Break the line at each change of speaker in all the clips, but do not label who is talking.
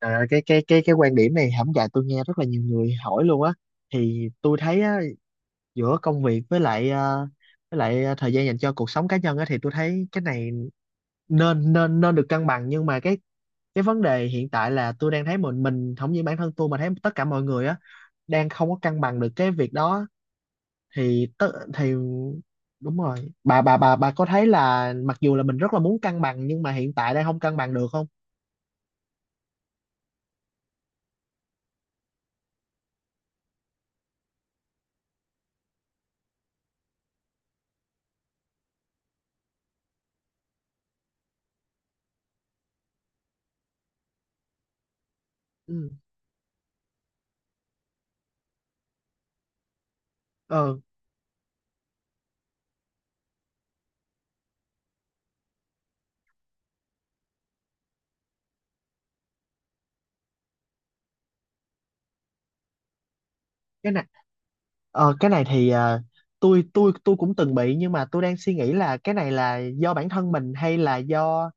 Trời ơi, cái quan điểm này hổng dạy tôi nghe rất là nhiều người hỏi luôn á, thì tôi thấy á, giữa công việc với lại với lại thời gian dành cho cuộc sống cá nhân á thì tôi thấy cái này nên nên nên được cân bằng, nhưng mà cái vấn đề hiện tại là tôi đang thấy mình không những bản thân tôi mà thấy tất cả mọi người á đang không có cân bằng được cái việc đó. Thì đúng rồi, bà có thấy là mặc dù là mình rất là muốn cân bằng nhưng mà hiện tại đang không cân bằng được không? Ừ. ờ cái này cái này thì tôi cũng từng bị, nhưng mà tôi đang suy nghĩ là cái này là do bản thân mình hay là do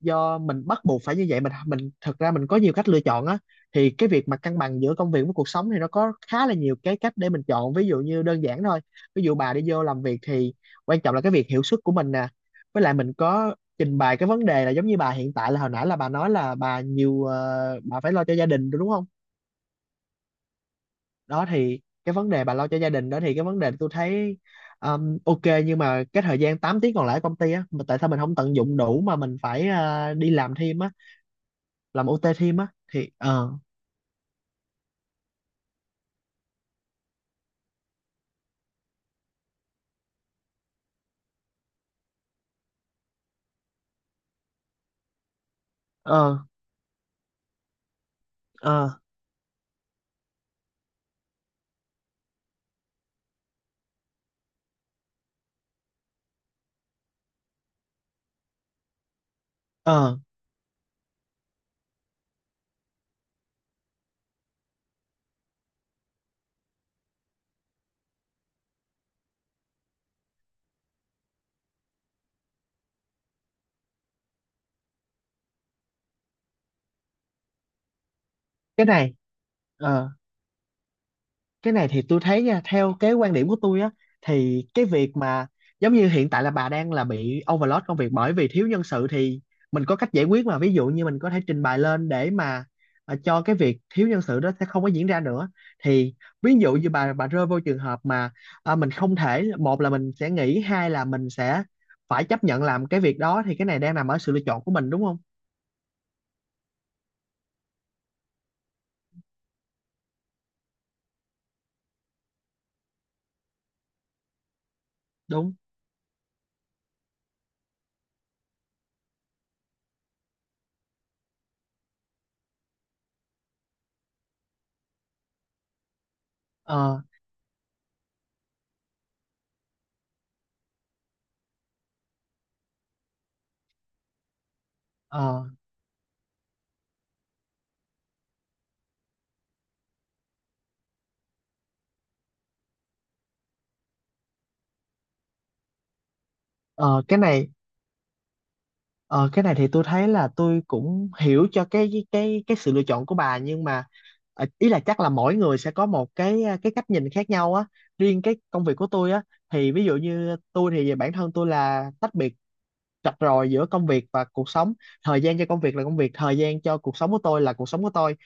do mình bắt buộc phải như vậy. Mình thật ra mình có nhiều cách lựa chọn á, thì cái việc mà cân bằng giữa công việc với cuộc sống thì nó có khá là nhiều cái cách để mình chọn, ví dụ như đơn giản thôi. Ví dụ bà đi vô làm việc thì quan trọng là cái việc hiệu suất của mình nè, với lại mình có trình bày cái vấn đề là giống như bà hiện tại, là hồi nãy là bà nói là bà nhiều bà phải lo cho gia đình đúng không? Đó thì cái vấn đề bà lo cho gia đình đó, thì cái vấn đề tôi thấy ok, nhưng mà cái thời gian 8 tiếng còn lại ở công ty á, mà tại sao mình không tận dụng đủ mà mình phải đi làm thêm á, làm OT thêm á thì ờ ờ ờ cái này ờ cái này thì tôi thấy nha, theo cái quan điểm của tôi á, thì cái việc mà giống như hiện tại là bà đang là bị overload công việc bởi vì thiếu nhân sự, thì mình có cách giải quyết mà, ví dụ như mình có thể trình bày lên để mà cho cái việc thiếu nhân sự đó sẽ không có diễn ra nữa. Thì ví dụ như bà rơi vô trường hợp mà mình không thể, một là mình sẽ nghỉ, hai là mình sẽ phải chấp nhận làm cái việc đó, thì cái này đang nằm ở sự lựa chọn của mình đúng không? Đúng. ờ ờ ờ cái này Ờ, cái này thì tôi thấy là tôi cũng hiểu cho cái sự lựa chọn của bà, nhưng mà ý là chắc là mỗi người sẽ có một cái cái cách nhìn khác nhau á. Riêng cái công việc của tôi á, thì ví dụ như tôi thì bản thân tôi là tách biệt rạch ròi giữa công việc và cuộc sống. Thời gian cho công việc là công việc, thời gian cho cuộc sống của tôi là cuộc sống của tôi.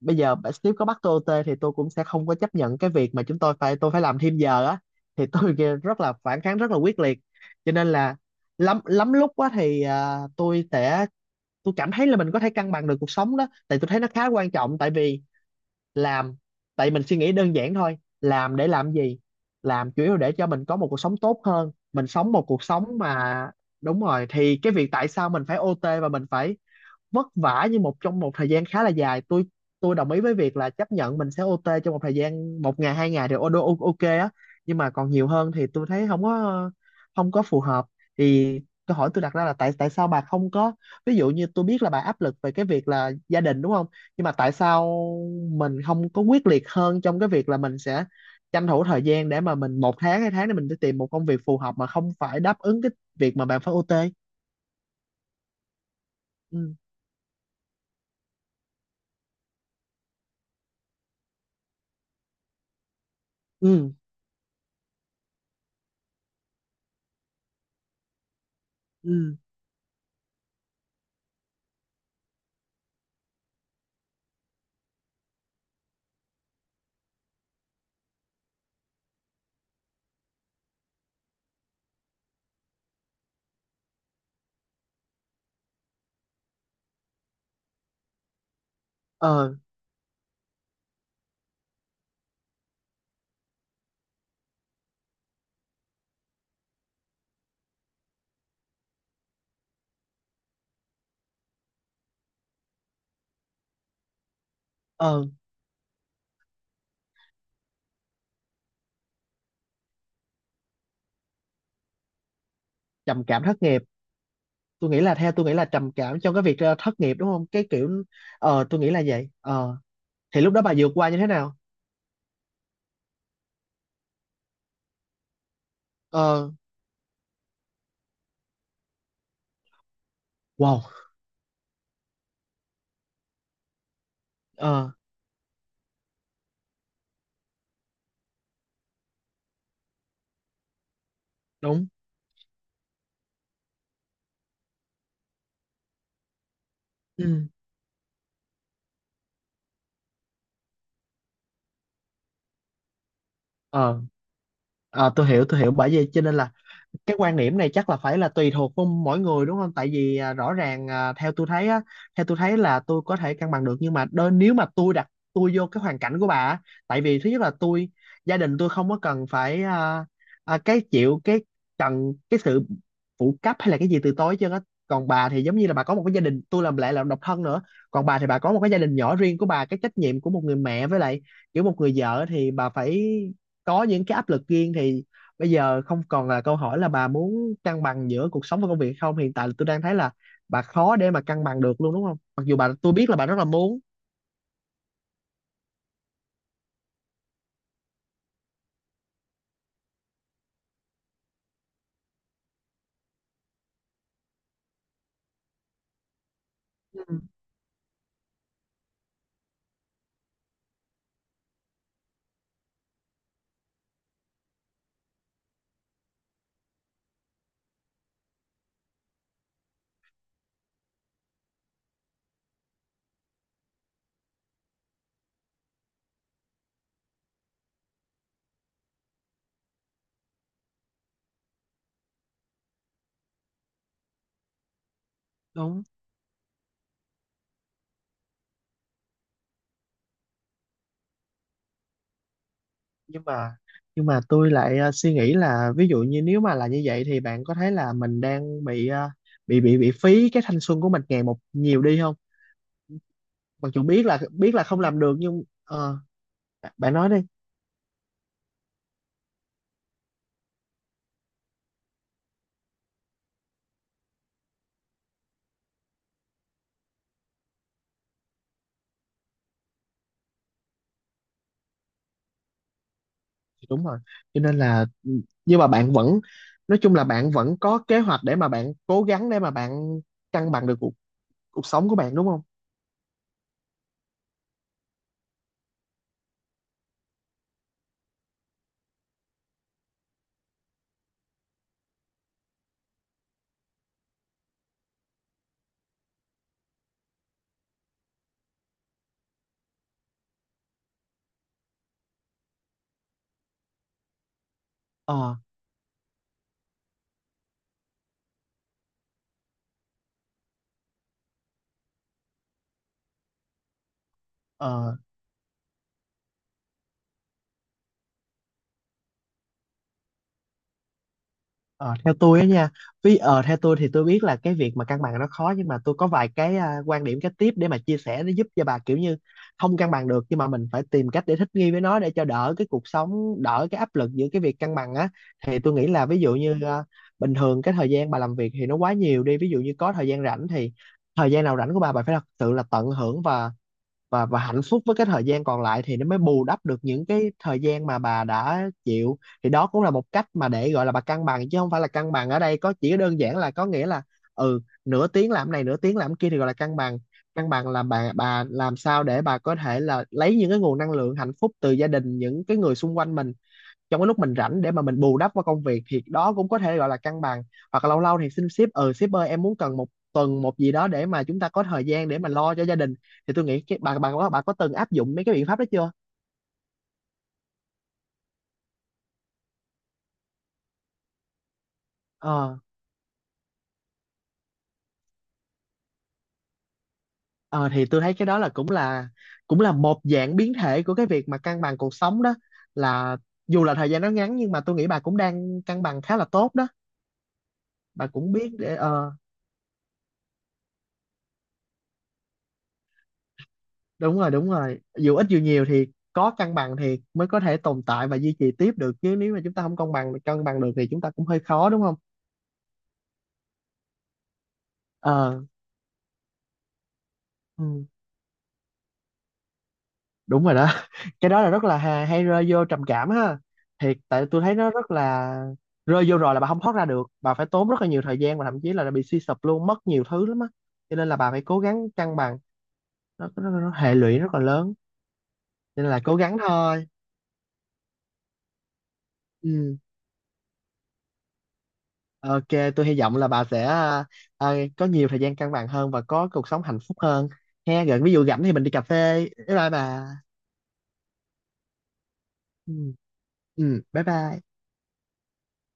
Bây giờ sếp có bắt tôi OT thì tôi cũng sẽ không có chấp nhận cái việc mà chúng tôi phải làm thêm giờ á, thì tôi kia rất là phản kháng, rất là quyết liệt. Cho nên là lắm lắm lúc á thì tôi cảm thấy là mình có thể cân bằng được cuộc sống đó, tại tôi thấy nó khá quan trọng, tại vì làm, tại mình suy nghĩ đơn giản thôi, làm để làm gì? Làm chủ yếu để cho mình có một cuộc sống tốt hơn, mình sống một cuộc sống mà, đúng rồi, thì cái việc tại sao mình phải OT và mình phải vất vả như một trong một thời gian khá là dài, tôi đồng ý với việc là chấp nhận mình sẽ OT trong một thời gian một ngày hai ngày thì ok á, nhưng mà còn nhiều hơn thì tôi thấy không có phù hợp. Thì câu hỏi tôi đặt ra là tại tại sao bà không có, ví dụ như tôi biết là bà áp lực về cái việc là gia đình đúng không, nhưng mà tại sao mình không có quyết liệt hơn trong cái việc là mình sẽ tranh thủ thời gian để mà mình một tháng hai tháng để mình đi tìm một công việc phù hợp mà không phải đáp ứng cái việc mà bạn phải OT. Ừ. Ừ. Ừ. Ờ. Ờ. Trầm cảm thất nghiệp. Tôi nghĩ là theo tôi nghĩ là trầm cảm trong cái việc thất nghiệp đúng không, cái kiểu tôi nghĩ là vậy. Ờ thì lúc đó bà vượt qua như thế nào? Ờ. Wow. Ờ. Đúng. Ừ. Ờ. Ờ, tôi hiểu tôi hiểu, bởi vì cho nên là cái quan điểm này chắc là phải là tùy thuộc vào mỗi người đúng không, tại vì rõ ràng theo tôi thấy là tôi có thể cân bằng được, nhưng mà nếu mà tôi đặt tôi vô cái hoàn cảnh của bà á, tại vì thứ nhất là tôi, gia đình tôi không có cần phải cái chịu cái cần cái sự phụ cấp hay là cái gì từ tối chứ á, còn bà thì giống như là bà có một cái gia đình, tôi làm lại là độc thân nữa, còn bà thì bà có một cái gia đình nhỏ riêng của bà, cái trách nhiệm của một người mẹ với lại kiểu một người vợ thì bà phải có những cái áp lực riêng, thì bây giờ không còn là câu hỏi là bà muốn cân bằng giữa cuộc sống và công việc hay không, hiện tại là tôi đang thấy là bà khó để mà cân bằng được luôn đúng không, mặc dù bà, tôi biết là bà rất là muốn. Ừ. Đúng. Nhưng mà nhưng mà tôi lại suy nghĩ là ví dụ như nếu mà là như vậy thì bạn có thấy là mình đang bị ờ, bị phí cái thanh xuân của mình ngày một nhiều đi không, mặc dù biết là không làm được nhưng bạn nói đi. Dạ, đúng rồi, cho nên là nhưng mà bạn vẫn, nói chung là bạn vẫn có kế hoạch để mà bạn cố gắng để mà bạn cân bằng được cuộc sống của bạn đúng không? Ờ. Ờ. Ờ, theo tôi á nha, vì theo tôi thì tôi biết là cái việc mà cân bằng nó khó, nhưng mà tôi có vài cái quan điểm cái tiếp để mà chia sẻ để giúp cho bà, kiểu như không cân bằng được nhưng mà mình phải tìm cách để thích nghi với nó, để cho đỡ cái cuộc sống, đỡ cái áp lực giữa cái việc cân bằng á. Thì tôi nghĩ là ví dụ như bình thường cái thời gian bà làm việc thì nó quá nhiều đi, ví dụ như có thời gian rảnh thì thời gian nào rảnh của bà phải thật sự là tận hưởng, và hạnh phúc với cái thời gian còn lại, thì nó mới bù đắp được những cái thời gian mà bà đã chịu, thì đó cũng là một cách mà để gọi là bà cân bằng, chứ không phải là cân bằng ở đây có chỉ đơn giản là có nghĩa là ừ nửa tiếng làm này nửa tiếng làm kia thì gọi là cân bằng. Cân bằng là bà làm sao để bà có thể là lấy những cái nguồn năng lượng hạnh phúc từ gia đình, những cái người xung quanh mình, trong cái lúc mình rảnh để mà mình bù đắp qua công việc, thì đó cũng có thể gọi là cân bằng. Hoặc là lâu lâu thì xin sếp, ừ sếp ơi em muốn cần một tuần một gì đó để mà chúng ta có thời gian để mà lo cho gia đình. Thì tôi nghĩ cái bà có từng áp dụng mấy cái biện pháp đó chưa? Ờ. Ờ, thì tôi thấy cái đó là cũng là một dạng biến thể của cái việc mà cân bằng cuộc sống đó, là dù là thời gian nó ngắn nhưng mà tôi nghĩ bà cũng đang cân bằng khá là tốt đó. Bà cũng biết để ờ Đúng rồi, đúng rồi, dù ít dù nhiều thì có cân bằng thì mới có thể tồn tại và duy trì tiếp được, chứ nếu mà chúng ta không cân bằng được thì chúng ta cũng hơi khó đúng không? Ờ. Ừ, đúng rồi đó cái đó là rất là hay, hay rơi vô trầm cảm ha, thiệt, tại tôi thấy nó rất là rơi vô rồi là bà không thoát ra được, bà phải tốn rất là nhiều thời gian và thậm chí là bị suy sụp luôn, mất nhiều thứ lắm á, cho nên là bà phải cố gắng cân bằng nó. Nó hệ lụy rất là lớn, cho nên là cố gắng thôi. Ừ. Ok, tôi hy vọng là bà sẽ có nhiều thời gian cân bằng hơn và có cuộc sống hạnh phúc hơn. He, rồi ví dụ rảnh thì mình đi cà phê. Bye bye bà. Ừ, ừ bye bye.